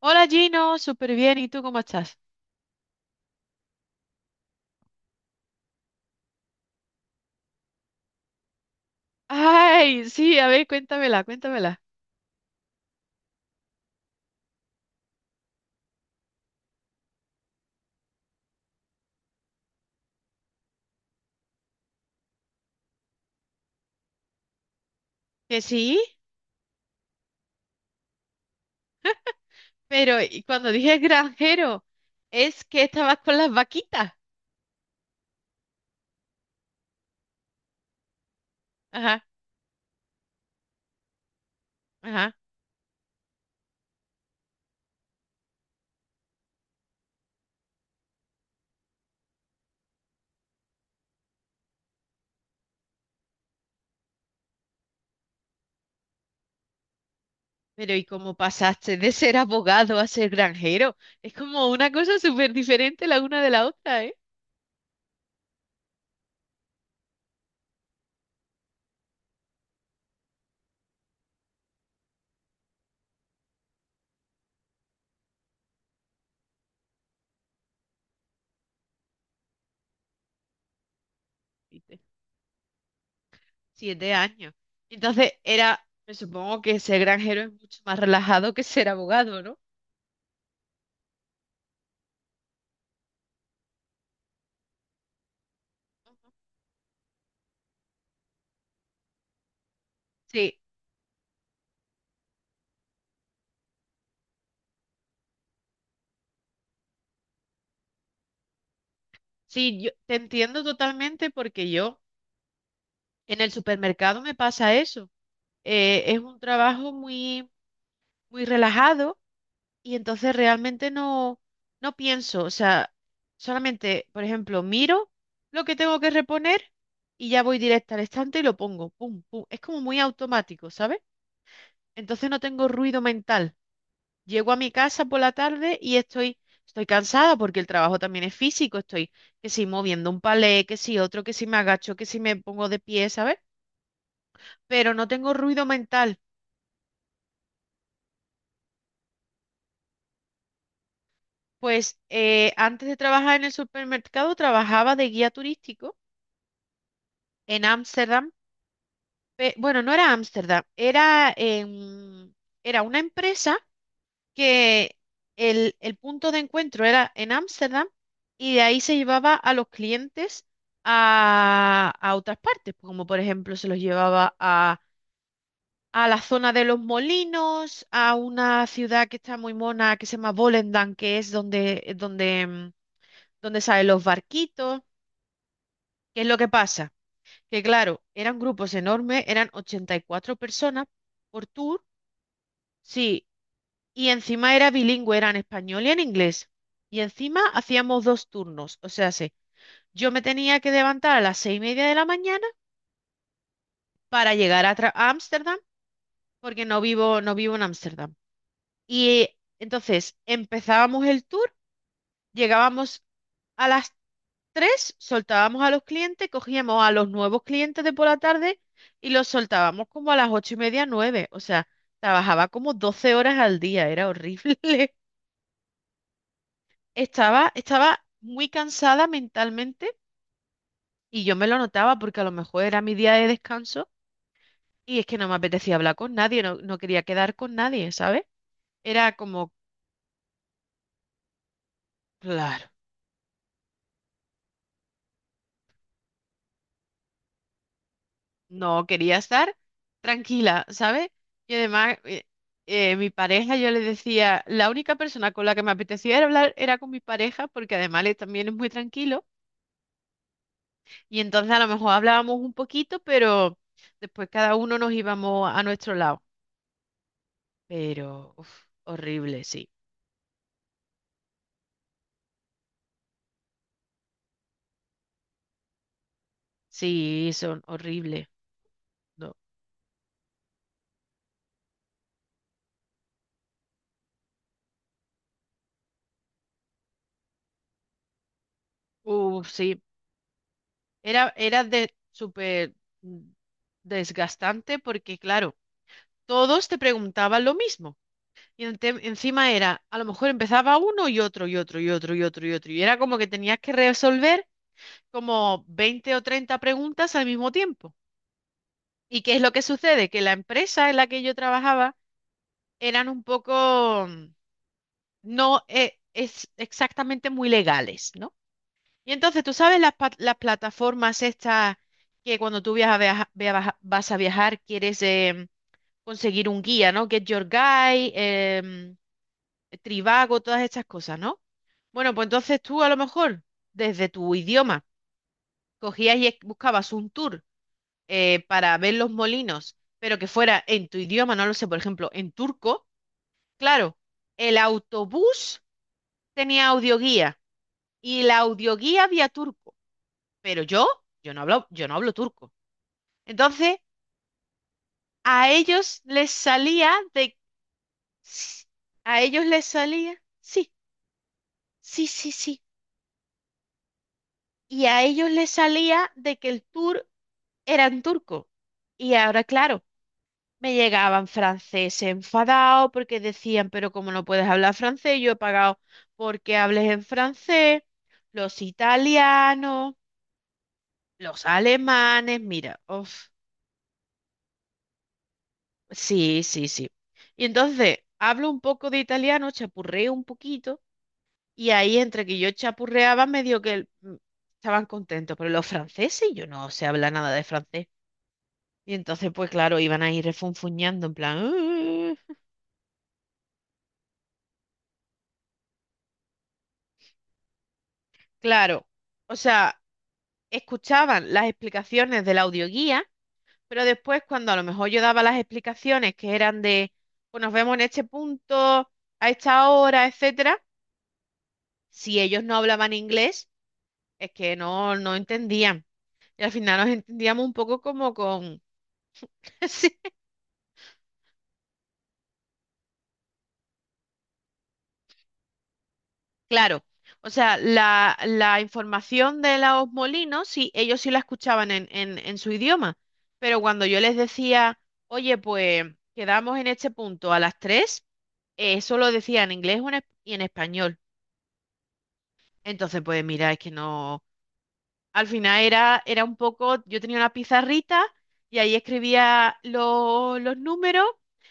Hola Gino, súper bien. ¿Y tú cómo estás? Ay, sí, a ver, cuéntamela, cuéntamela. Que sí, pero y cuando dije granjero, es que estabas con las vaquitas. Ajá, ajá. Pero ¿y cómo pasaste de ser abogado a ser granjero? Es como una cosa súper diferente la una de la otra, ¿eh? Viste, 7 años. Entonces era, me supongo que ser granjero es mucho más relajado que ser abogado, ¿no? Sí, sí, yo te entiendo totalmente porque yo en el supermercado me pasa eso. Es un trabajo muy relajado y entonces realmente no pienso. O sea, solamente, por ejemplo, miro lo que tengo que reponer y ya voy directa al estante y lo pongo. Pum, pum. Es como muy automático, ¿sabes? Entonces no tengo ruido mental. Llego a mi casa por la tarde y estoy cansada porque el trabajo también es físico. Estoy que si moviendo un palé, que si otro, que si me agacho, que si me pongo de pie, ¿sabes? Pero no tengo ruido mental. Pues antes de trabajar en el supermercado, trabajaba de guía turístico en Ámsterdam. Bueno, no era Ámsterdam, era era una empresa que el punto de encuentro era en Ámsterdam y de ahí se llevaba a los clientes a otras partes, como por ejemplo se los llevaba a la zona de los molinos, a una ciudad que está muy mona que se llama Volendam, que es donde, donde salen los barquitos. ¿Qué es lo que pasa? Que claro, eran grupos enormes, eran 84 personas por tour, sí, y encima era bilingüe, era en español y en inglés. Y encima hacíamos dos turnos, o sea, sí, yo me tenía que levantar a las 6:30 de la mañana para llegar a, a Ámsterdam, porque no vivo en Ámsterdam. Y entonces empezábamos el tour, llegábamos a las 3, soltábamos a los clientes, cogíamos a los nuevos clientes de por la tarde y los soltábamos como a las 8:30, nueve. O sea, trabajaba como 12 horas al día, era horrible. Estaba muy cansada mentalmente y yo me lo notaba porque a lo mejor era mi día de descanso y es que no me apetecía hablar con nadie, no quería quedar con nadie, ¿sabes? Era como, claro. No, quería estar tranquila, ¿sabes? Y además, mi pareja, yo le decía, la única persona con la que me apetecía era hablar era con mi pareja, porque además él también es muy tranquilo. Y entonces a lo mejor hablábamos un poquito, pero después cada uno nos íbamos a nuestro lado. Pero, uf, horrible, sí. Sí, son horribles. No. Uf, sí. Era de súper mm, desgastante porque, claro, todos te preguntaban lo mismo. Encima era, a lo mejor empezaba uno y otro y otro y otro y otro y otro. Y era como que tenías que resolver como 20 o 30 preguntas al mismo tiempo. ¿Y qué es lo que sucede? Que la empresa en la que yo trabajaba eran un poco, no es exactamente muy legales, ¿no? Y entonces, tú sabes las plataformas estas que cuando tú viajas, vas a viajar, quieres conseguir un guía, ¿no? Get Your Guide, Trivago, todas estas cosas, ¿no? Bueno, pues entonces tú a lo mejor desde tu idioma cogías y buscabas un tour para ver los molinos, pero que fuera en tu idioma, no lo sé, por ejemplo, en turco. Claro, el autobús tenía audioguía y la audioguía había turco, pero yo no hablo turco. Entonces, a ellos les salía de... s- A ellos les salía... Sí, sí. Y a ellos les salía de que el tour era en turco. Y ahora, claro. Me llegaban francés enfadado porque decían, pero como no puedes hablar francés, yo he pagado porque hables en francés, los italianos, los alemanes, mira, uf, sí, sí. Y entonces hablo un poco de italiano, chapurreo un poquito, y ahí entre que yo chapurreaba, medio que estaban contentos, pero los franceses, yo no sé hablar nada de francés. Y entonces, pues claro, iban ahí refunfuñando en plan". Claro, o sea, escuchaban las explicaciones de la audioguía, pero después cuando a lo mejor yo daba las explicaciones que eran de, pues nos vemos en este punto, a esta hora, etcétera, si ellos no hablaban inglés, es que no entendían. Y al final nos entendíamos un poco como con... Sí, claro. O sea, la información de los molinos, sí, ellos sí la escuchaban en su idioma, pero cuando yo les decía, oye, pues quedamos en este punto a las 3. Eso lo decía en inglés o y en español. Entonces, pues mira, es que no. Al final era un poco. Yo tenía una pizarrita y ahí escribía los números.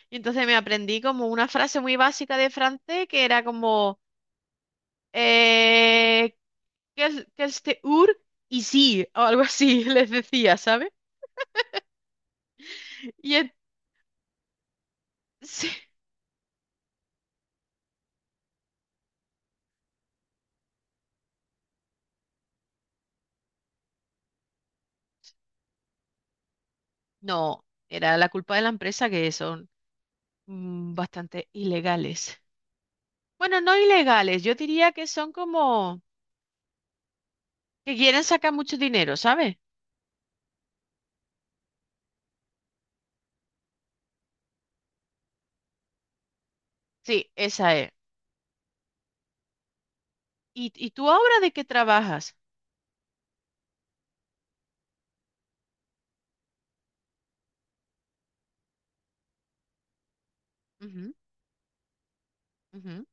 Y entonces me aprendí como una frase muy básica de francés que era como. Eh, "Quel- quel te ur" y sí, o algo así, les decía, ¿sabes? Y en- sí. No, era la culpa de la empresa que son bastante ilegales. Bueno, no ilegales, yo diría que son como. Que quieren sacar mucho dinero, ¿sabes? Sí, esa es. Y tú ahora de qué trabajas? Ujú, ujú.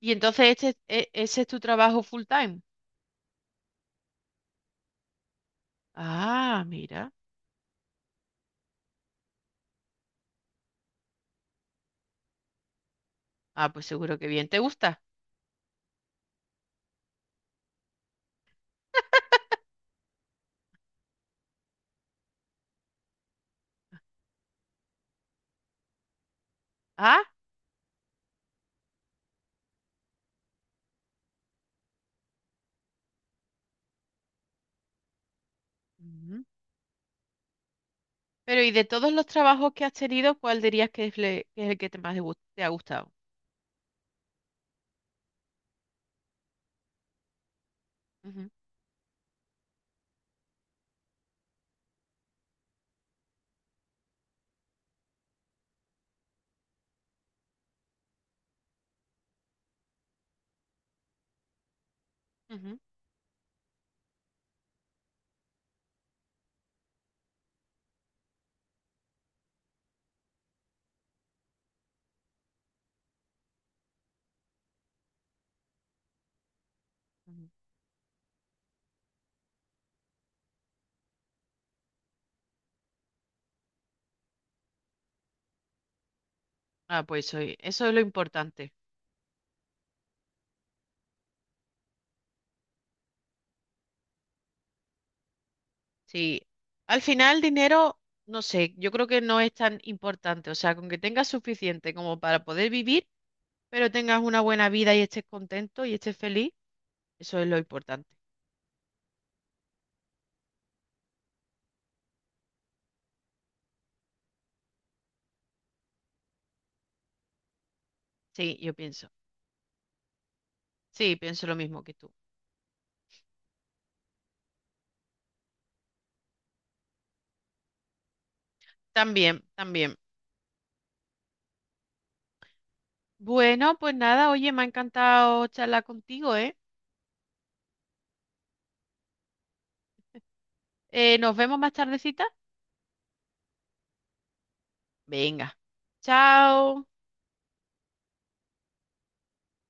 Y entonces ese es tu trabajo full time. Ah, mira. Ah, pues seguro que bien te gusta. Ah, ujú. Pero ¿y de todos los trabajos que has tenido, cuál dirías que es el que te ha gustado? Ujú, ujú, ujú. Ah, pues eso, eso es lo importante. Sí. Al final, dinero, no sé, yo creo que no es tan importante. O sea, con que tengas suficiente como para poder vivir. Pero tengas una buena vida y estés contento y estés feliz, eso es lo importante. Sí, yo pienso. Sí, pienso lo mismo que tú. También, también. Bueno, pues nada, oye, me ha encantado charlar contigo, ¿eh? Nos vemos más tardecita. Venga. Chao.